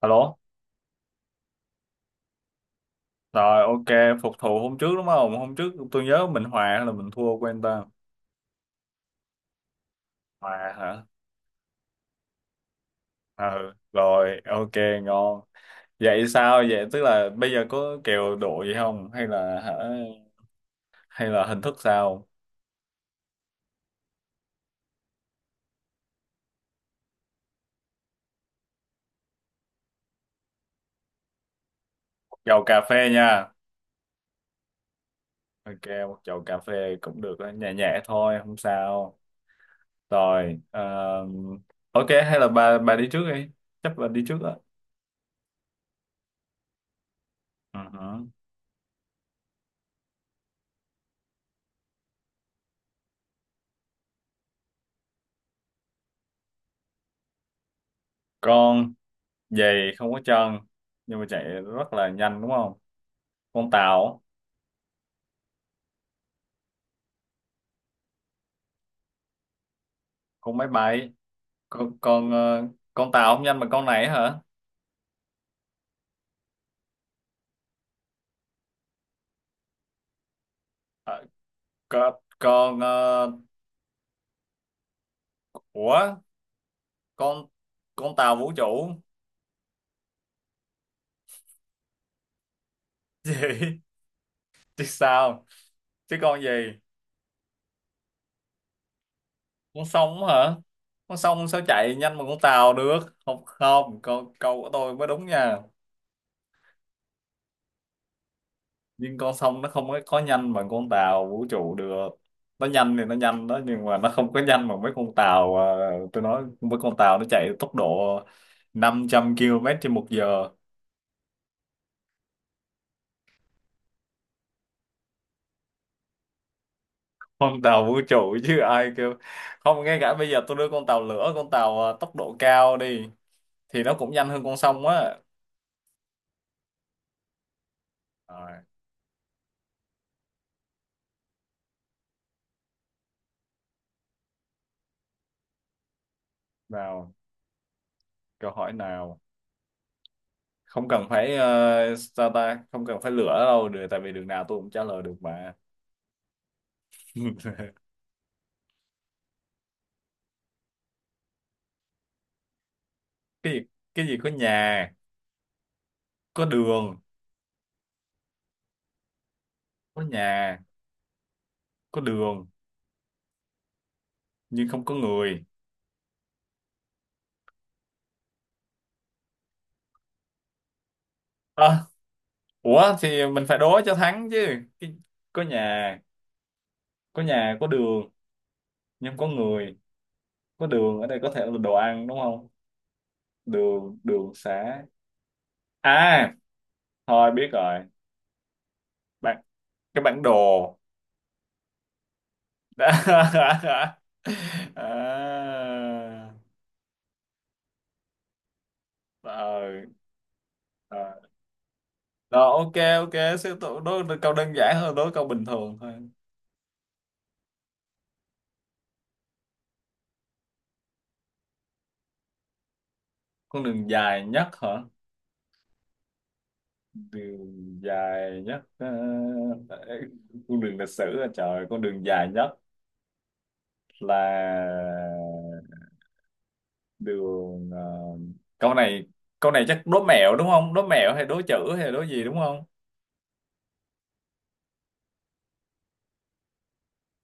Alo, rồi, ok, phục thù hôm trước đúng không? Hôm trước tôi nhớ mình hòa hay là mình thua quên ta. Hòa hả? Ừ, rồi, ok, ngon. Vậy sao? Vậy tức là bây giờ có kèo độ gì không? Hay là hả? Hay là hình thức sao? Chầu cà phê nha. Ok, một chầu cà phê cũng được, đó, nhẹ nhẹ thôi, không sao. Rồi, ok, hay là bà đi trước đi. Chắc là đi trước đó. Ừ hử. Con giày không có chân, nhưng mà chạy rất là nhanh đúng không? Con tàu. Con máy bay. con con ờ, con tàu không nhanh bằng con này hả? Ờ, con con ờ, ủa, con con tàu vũ trụ. Gì chứ sao, chứ con gì? Con sông hả? Con sông sao chạy nhanh bằng con tàu được. Không, không, câu câu của tôi mới đúng nha. Nhưng con sông nó không có nhanh bằng con tàu vũ trụ được. Nó nhanh thì nó nhanh đó, nhưng mà nó không có nhanh bằng mấy con tàu. Tôi nói mấy con tàu nó chạy tốc độ 500 km trên 1 giờ. Con tàu vũ trụ chứ ai kêu. Không, ngay cả bây giờ tôi đưa con tàu lửa, con tàu tốc độ cao đi thì nó cũng nhanh hơn con sông á. Rồi, nào, câu hỏi nào? Không cần phải sao ta, không cần phải lửa đâu được, tại vì đường nào tôi cũng trả lời được mà. Cái gì? Cái gì có nhà có đường? Có nhà, có đường nhưng không có người. À, ủa thì mình phải đố cho thắng chứ. Cái- có nhà, có nhà có đường nhưng không có người. Có đường ở đây có thể là đồ ăn đúng không? Đường, đường xá. À, thôi biết rồi. Bạn, cái bản đồ. À, rồi, rồi. Rồi, ok, ok, sẽ đố, đố câu đơn giản hơn, đố câu bình thường thôi. Con đường dài nhất hả? Đường dài nhất, tại- cung đường lịch sử à, trời, con đường dài nhất là đường. Ờ, Câu này, câu này chắc đố mẹo đúng không? Đố mẹo hay đố chữ hay đố gì đúng không?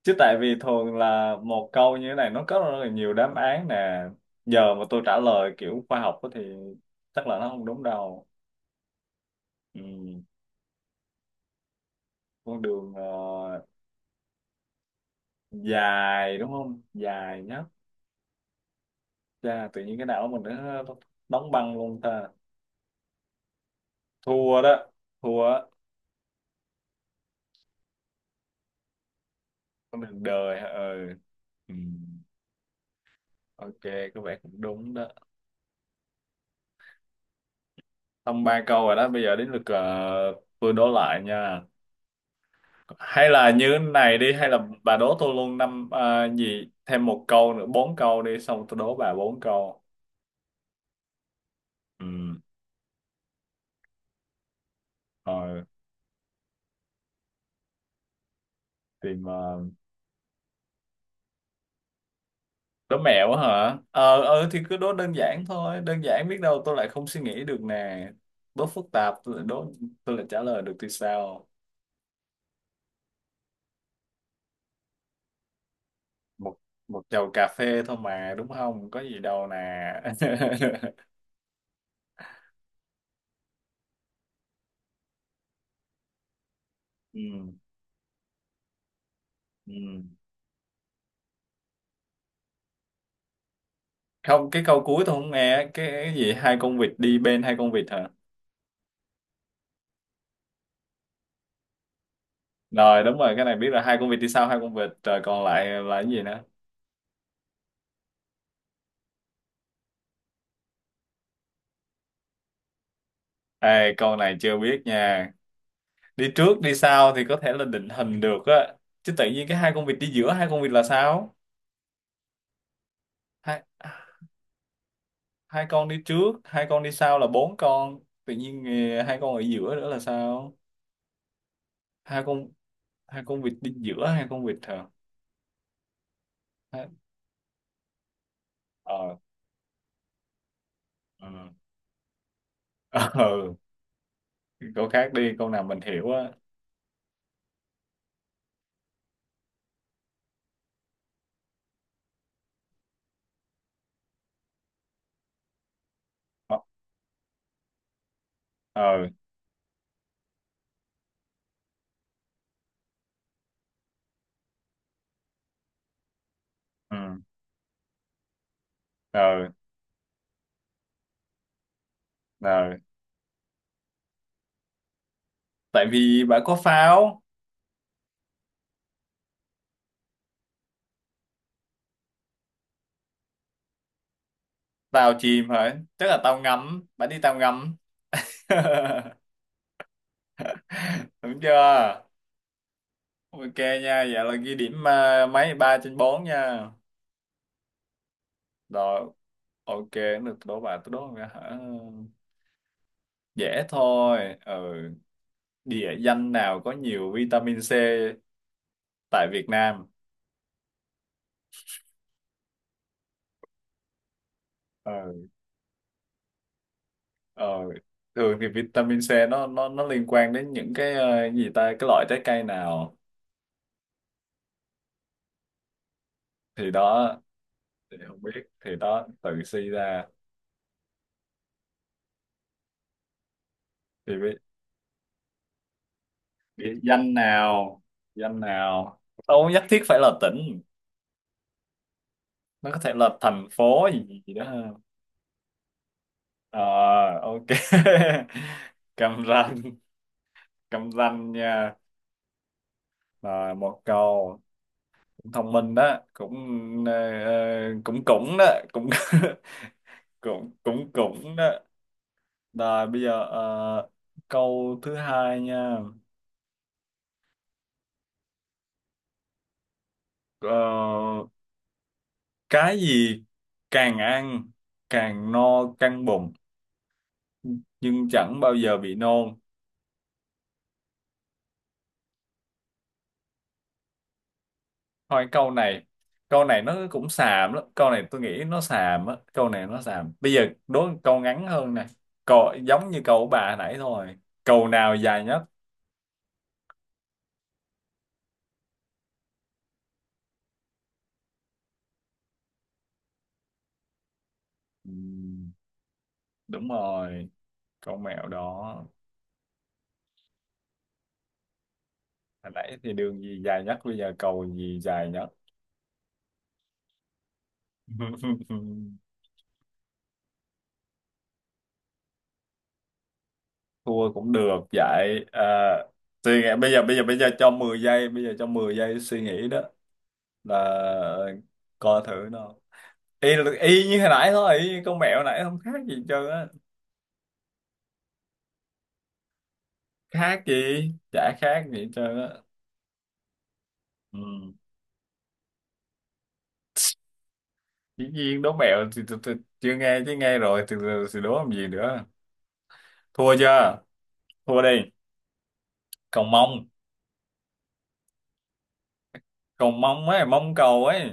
Chứ tại vì thường là một câu như thế này nó có rất là nhiều đáp án nè. Giờ mà tôi trả lời kiểu khoa học á thì chắc là nó không đúng đâu. Ừ. Con đường dài đúng không, dài nhất. Chà, tự nhiên cái não mình nó đóng băng luôn ta. Thua đó, thua á. Con đường đời hả? Ừ. Ừ. Ok, có vẻ cũng đúng đó. Xong ba câu rồi đó, bây giờ đến lượt, tôi đố lại nha. Hay là như thế này đi, hay là bà đố tôi luôn năm, gì, thêm một câu nữa, bốn câu đi, xong tôi đố bà bốn câu. Ừ, rồi, tìm. Đố mẹo á hả? Ờ ừ, thì cứ đố đơn giản thôi, đơn giản biết đâu tôi lại không suy nghĩ được nè. Đố phức tạp tôi lại đố, tôi lại trả lời được thì sao. Một Một chầu cà phê thôi mà đúng không, có gì đâu nè. Ừ, ừ. Không, cái câu cuối tôi không nghe, cái gì hai con vịt đi bên hai con vịt hả? Rồi, đúng rồi, cái này biết là hai con vịt đi sau hai con vịt rồi, còn lại là cái gì nữa? Ê, câu này chưa biết nha. Đi trước đi sau thì có thể là định hình được á, chứ tự nhiên cái hai con vịt đi giữa hai con vịt là sao? Hai, hai con đi trước, hai con đi sau là bốn con, tự nhiên hai con ở giữa nữa là sao? Hai con, hai con vịt đi giữa hai con vịt hả? Hai- ờ ừ. ờ ừ, câu khác đi, câu nào mình hiểu á. Ờ. Ờ. Ừ. Ờ. Ờ. Tại vì bà có pháo. Tàu chìm hả? Tức là tàu ngầm, bà đi tàu ngầm. Đúng chưa? Ok nha, vậy là ghi điểm, à, mấy 3/4 nha. Rồi, ok, được, đố bà, tôi đố bà hả? Dễ thôi, ừ. Địa danh nào có nhiều vitamin C tại Việt Nam? Ừ. Ờ, thường thì vitamin C nó liên quan đến những cái, gì ta, cái loại trái cây nào? Thì đó. Thì không biết, thì đó tự suy ra. Thì biết, biết danh nào, danh nào, đâu có nhất thiết phải là tỉnh, nó có thể là thành phố gì, gì đó ha. Ờ, ok. Cam Ranh, Cam Ranh nha. Rồi, một câu cũng thông minh đó, cũng ờ, cũng cũng đó, cũng cũng cũng cũng đó. Rồi bây giờ, câu thứ hai nha. Ờ, cái gì càng ăn càng no căng bụng nhưng chẳng bao giờ bị nôn? Thôi câu này nó cũng xàm lắm. Câu này tôi nghĩ nó xàm á, câu này nó xàm. Bây giờ đố câu ngắn hơn nè. Câu giống như câu của bà hồi nãy thôi. Câu nào dài nhất? Ừ, đúng rồi, câu mẹo đó. Hồi nãy thì đường gì dài nhất, bây giờ cầu gì dài nhất? Thua cũng được vậy à, suy nghĩ, bây giờ, bây giờ cho 10 giây, bây giờ cho 10 giây suy nghĩ đó. Là coi thử nó y, y như hồi nãy thôi, y như con mẹo nãy không khác gì hết trơn á. Khác gì, chả khác gì hết trơn á. Ừ. Dĩ nhiên đố mẹo thì chưa nghe, chứ nghe rồi thì đố làm gì nữa. Thua chưa, thua đi. Cầu mông. Cầu mông ấy, mông cầu ấy.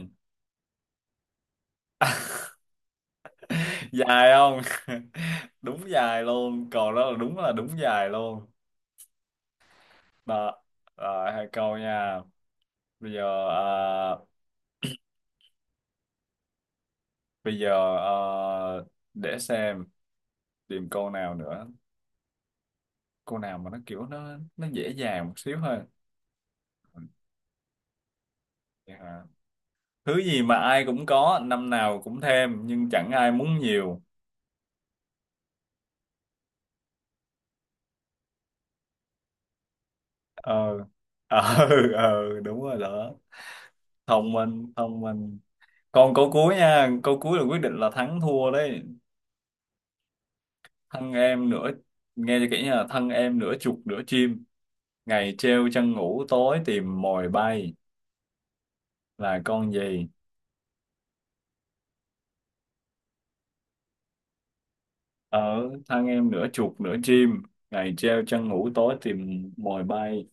Dài không? Đúng dài luôn, cầu đó là đúng, là đúng dài luôn. Đó, rồi hai câu nha. Bây giờ bây giờ để xem, tìm câu nào nữa. Câu nào mà nó kiểu nó dễ dàng một xíu thôi. Ừ, vậy hả? Thứ gì mà ai cũng có, năm nào cũng thêm nhưng chẳng ai muốn nhiều? Ờ. Ờ ờ đúng rồi đó. Thông minh, thông minh. Còn câu cuối nha, câu cuối là quyết định là thắng thua đấy. Thân em nửa, nghe cho kỹ nha, thân em nửa chuột nửa chim, ngày treo chân ngủ tối tìm mồi bay, là con gì? Ở thân em nửa chuột nửa chim, ngày treo chân ngủ tối tìm mồi bay.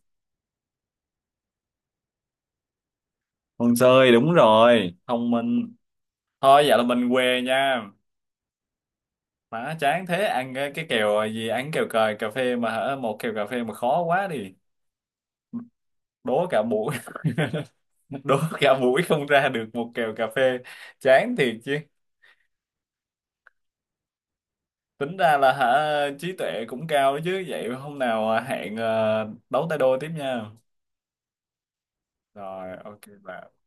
Con sơi, đúng rồi, thông minh. Thôi vậy là mình què nha. Má chán thế, ăn cái kèo gì, ăn kèo cờ cà phê mà hả, một kèo cà phê mà khó quá đi. Đố cả buổi, đố cả buổi không ra được một kèo cà phê, chán thiệt chứ. Tính ra là hả, trí tuệ cũng cao đó chứ, vậy hôm nào hẹn, đấu tay đôi tiếp nha. Rồi, ok, bye.